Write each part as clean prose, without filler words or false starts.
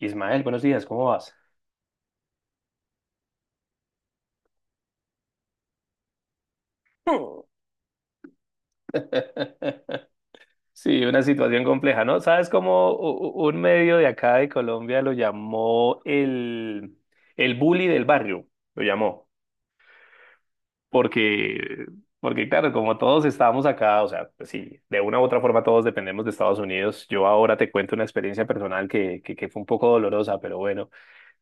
Ismael, buenos días, ¿cómo vas? Mm. Sí, una situación compleja, ¿no? ¿Sabes cómo un medio de acá de Colombia lo llamó el bully del barrio? Lo llamó. Porque, porque claro, como todos estábamos acá, o sea, pues sí, de una u otra forma todos dependemos de Estados Unidos. Yo ahora te cuento una experiencia personal que fue un poco dolorosa, pero bueno,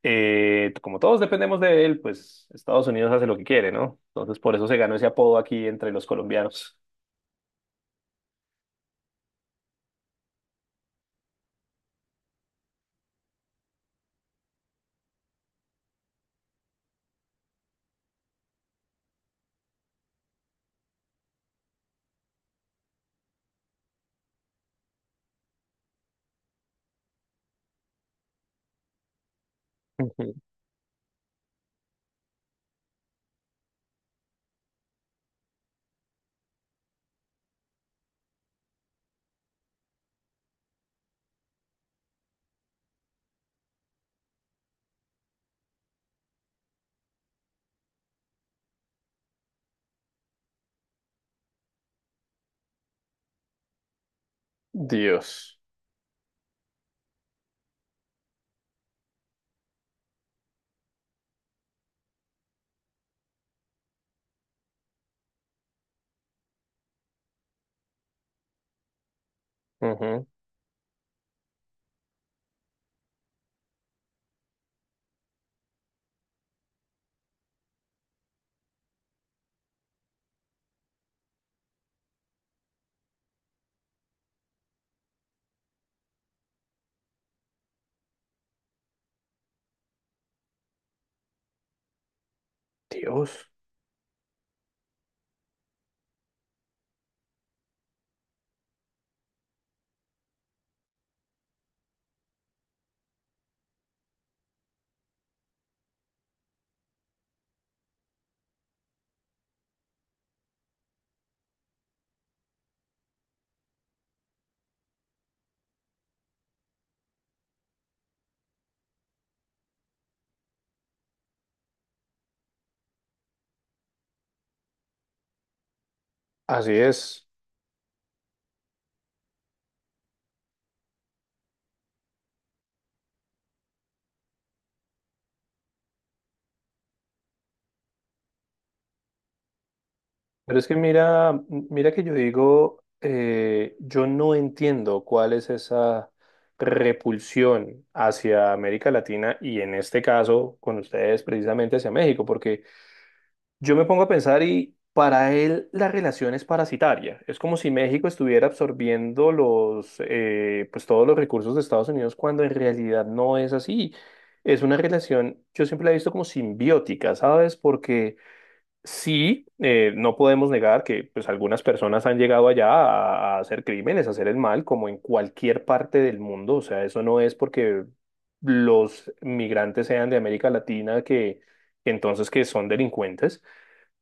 como todos dependemos de él, pues Estados Unidos hace lo que quiere, ¿no? Entonces por eso se ganó ese apodo aquí entre los colombianos. Dios. Ujú. Dios. Así es. Pero es que mira, mira que yo digo, yo no entiendo cuál es esa repulsión hacia América Latina y en este caso con ustedes precisamente hacia México, porque yo me pongo a pensar y para él la relación es parasitaria. Es como si México estuviera absorbiendo los, pues todos los recursos de Estados Unidos cuando en realidad no es así. Es una relación, yo siempre la he visto como simbiótica, ¿sabes? Porque sí, no podemos negar que pues algunas personas han llegado allá a hacer crímenes, a hacer el mal, como en cualquier parte del mundo. O sea, eso no es porque los migrantes sean de América Latina que entonces que son delincuentes.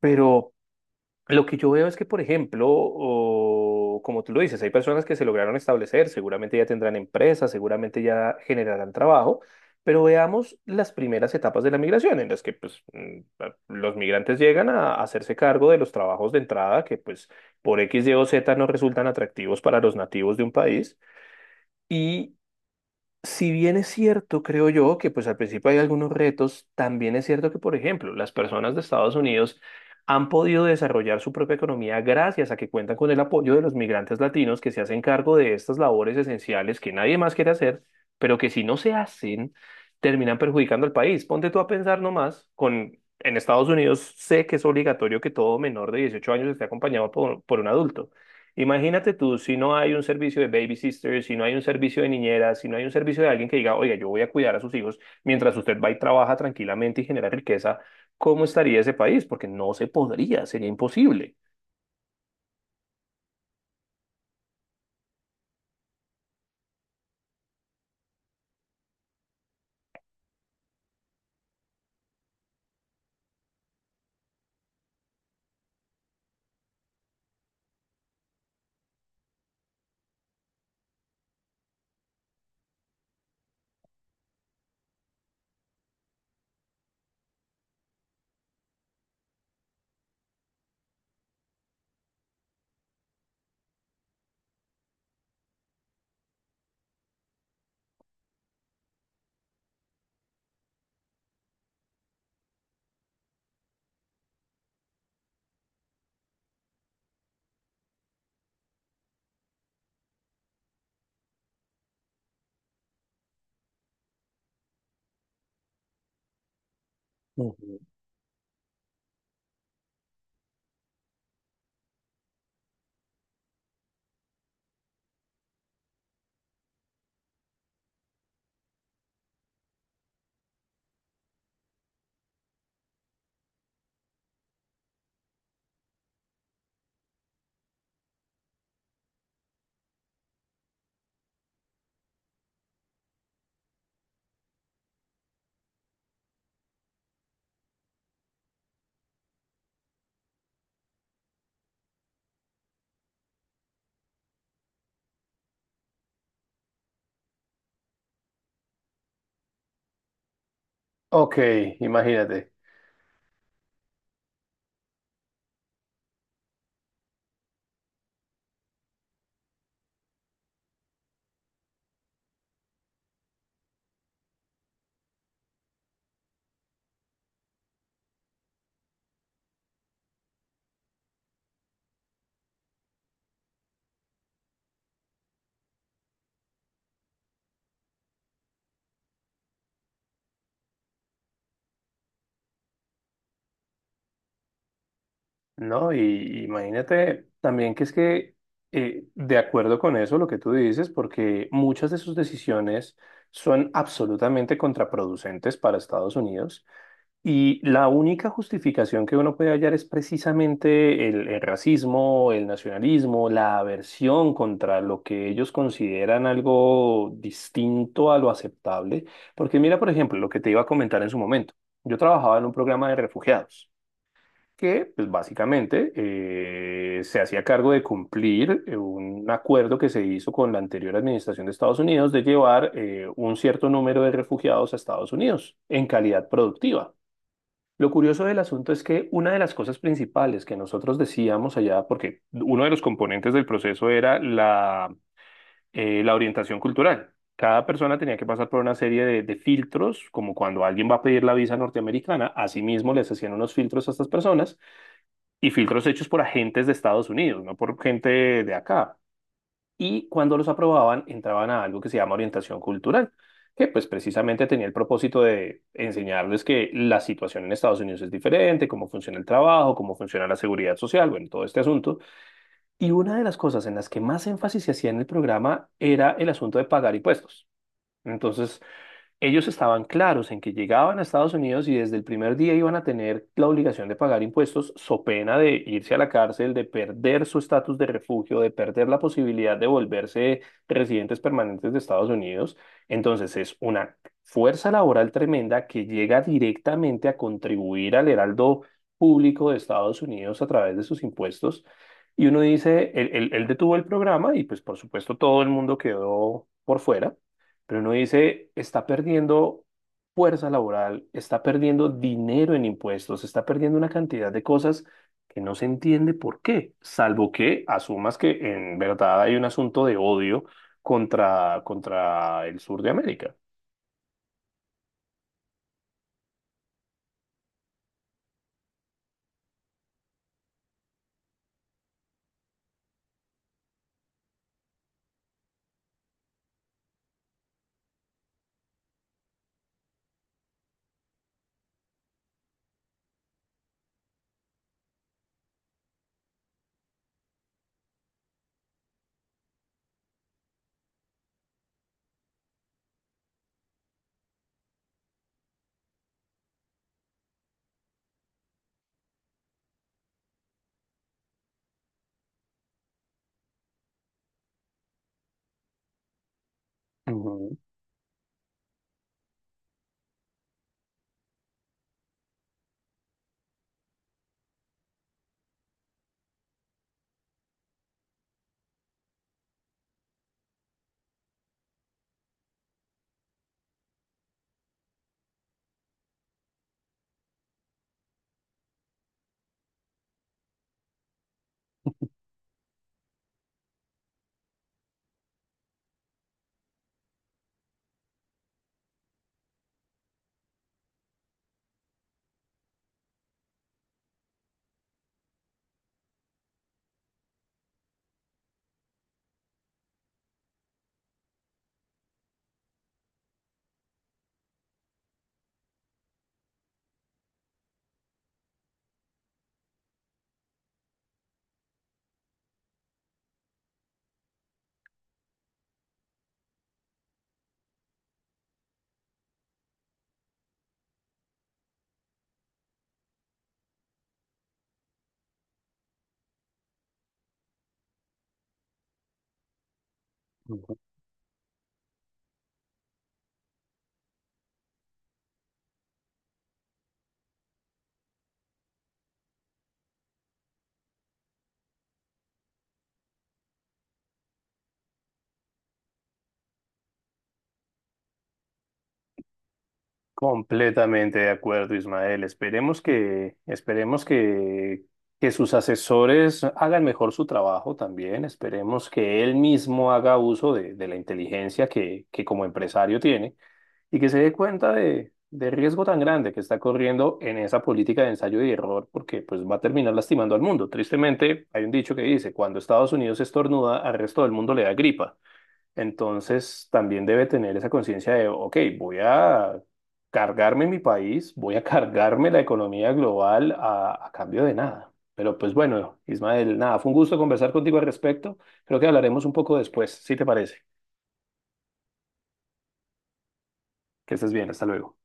Pero lo que yo veo es que, por ejemplo, como tú lo dices, hay personas que se lograron establecer, seguramente ya tendrán empresas, seguramente ya generarán trabajo, pero veamos las primeras etapas de la migración, en las que pues, mm, los migrantes llegan a hacerse cargo de los trabajos de entrada que pues por X, Y o Z no resultan atractivos para los nativos de un país. Si bien es cierto, creo yo, que pues al principio hay algunos retos, también es cierto que, por ejemplo, las personas de Estados Unidos han podido desarrollar su propia economía gracias a que cuentan con el apoyo de los migrantes latinos que se hacen cargo de estas labores esenciales que nadie más quiere hacer, pero que si no se hacen, terminan perjudicando al país. Ponte tú a pensar nomás, en Estados Unidos sé que es obligatorio que todo menor de 18 años esté acompañado por un adulto. Imagínate tú, si no hay un servicio de baby sisters, si no hay un servicio de niñeras, si no hay un servicio de alguien que diga, oiga, yo voy a cuidar a sus hijos mientras usted va y trabaja tranquilamente y genera riqueza, ¿cómo estaría ese país? Porque no se podría, sería imposible. Ujú. Ok, imagínate, ¿no? Y imagínate también que es que, de acuerdo con eso, lo que tú dices, porque muchas de sus decisiones son absolutamente contraproducentes para Estados Unidos. Y la única justificación que uno puede hallar es precisamente el racismo, el nacionalismo, la aversión contra lo que ellos consideran algo distinto a lo aceptable. Porque mira, por ejemplo, lo que te iba a comentar en su momento. Yo trabajaba en un programa de refugiados que, pues básicamente, se hacía cargo de cumplir un acuerdo que se hizo con la anterior administración de Estados Unidos de llevar un cierto número de refugiados a Estados Unidos en calidad productiva. Lo curioso del asunto es que una de las cosas principales que nosotros decíamos allá, porque uno de los componentes del proceso era la, la orientación cultural. Cada persona tenía que pasar por una serie de filtros, como cuando alguien va a pedir la visa norteamericana, asimismo les hacían unos filtros a estas personas y filtros hechos por agentes de Estados Unidos, no por gente de acá, y cuando los aprobaban entraban a algo que se llama orientación cultural, que pues precisamente tenía el propósito de enseñarles que la situación en Estados Unidos es diferente, cómo funciona el trabajo, cómo funciona la seguridad social, bueno, todo este asunto. Y una de las cosas en las que más énfasis se hacía en el programa era el asunto de pagar impuestos. Entonces, ellos estaban claros en que llegaban a Estados Unidos y desde el primer día iban a tener la obligación de pagar impuestos, so pena de irse a la cárcel, de perder su estatus de refugio, de perder la posibilidad de volverse residentes permanentes de Estados Unidos. Entonces es una fuerza laboral tremenda que llega directamente a contribuir al heraldo público de Estados Unidos a través de sus impuestos. Y uno dice, él detuvo el programa y pues por supuesto todo el mundo quedó por fuera. Pero uno dice, está perdiendo fuerza laboral, está perdiendo dinero en impuestos, está perdiendo una cantidad de cosas que no se entiende por qué, salvo que asumas que en verdad hay un asunto de odio contra el sur de América. Ujú, ujú. Completamente de acuerdo, Ismael. Esperemos que sus asesores hagan mejor su trabajo también. Esperemos que él mismo haga uso de la inteligencia que como empresario tiene y que se dé cuenta de, del riesgo tan grande que está corriendo en esa política de ensayo y error, porque pues va a terminar lastimando al mundo. Tristemente, hay un dicho que dice, cuando Estados Unidos estornuda, al resto del mundo le da gripa. Entonces, también debe tener esa conciencia de, ok, voy a cargarme mi país, voy a cargarme la economía global a cambio de nada. Pero pues bueno, Ismael, nada, fue un gusto conversar contigo al respecto. Creo que hablaremos un poco después, si te parece. Que estés bien, hasta luego.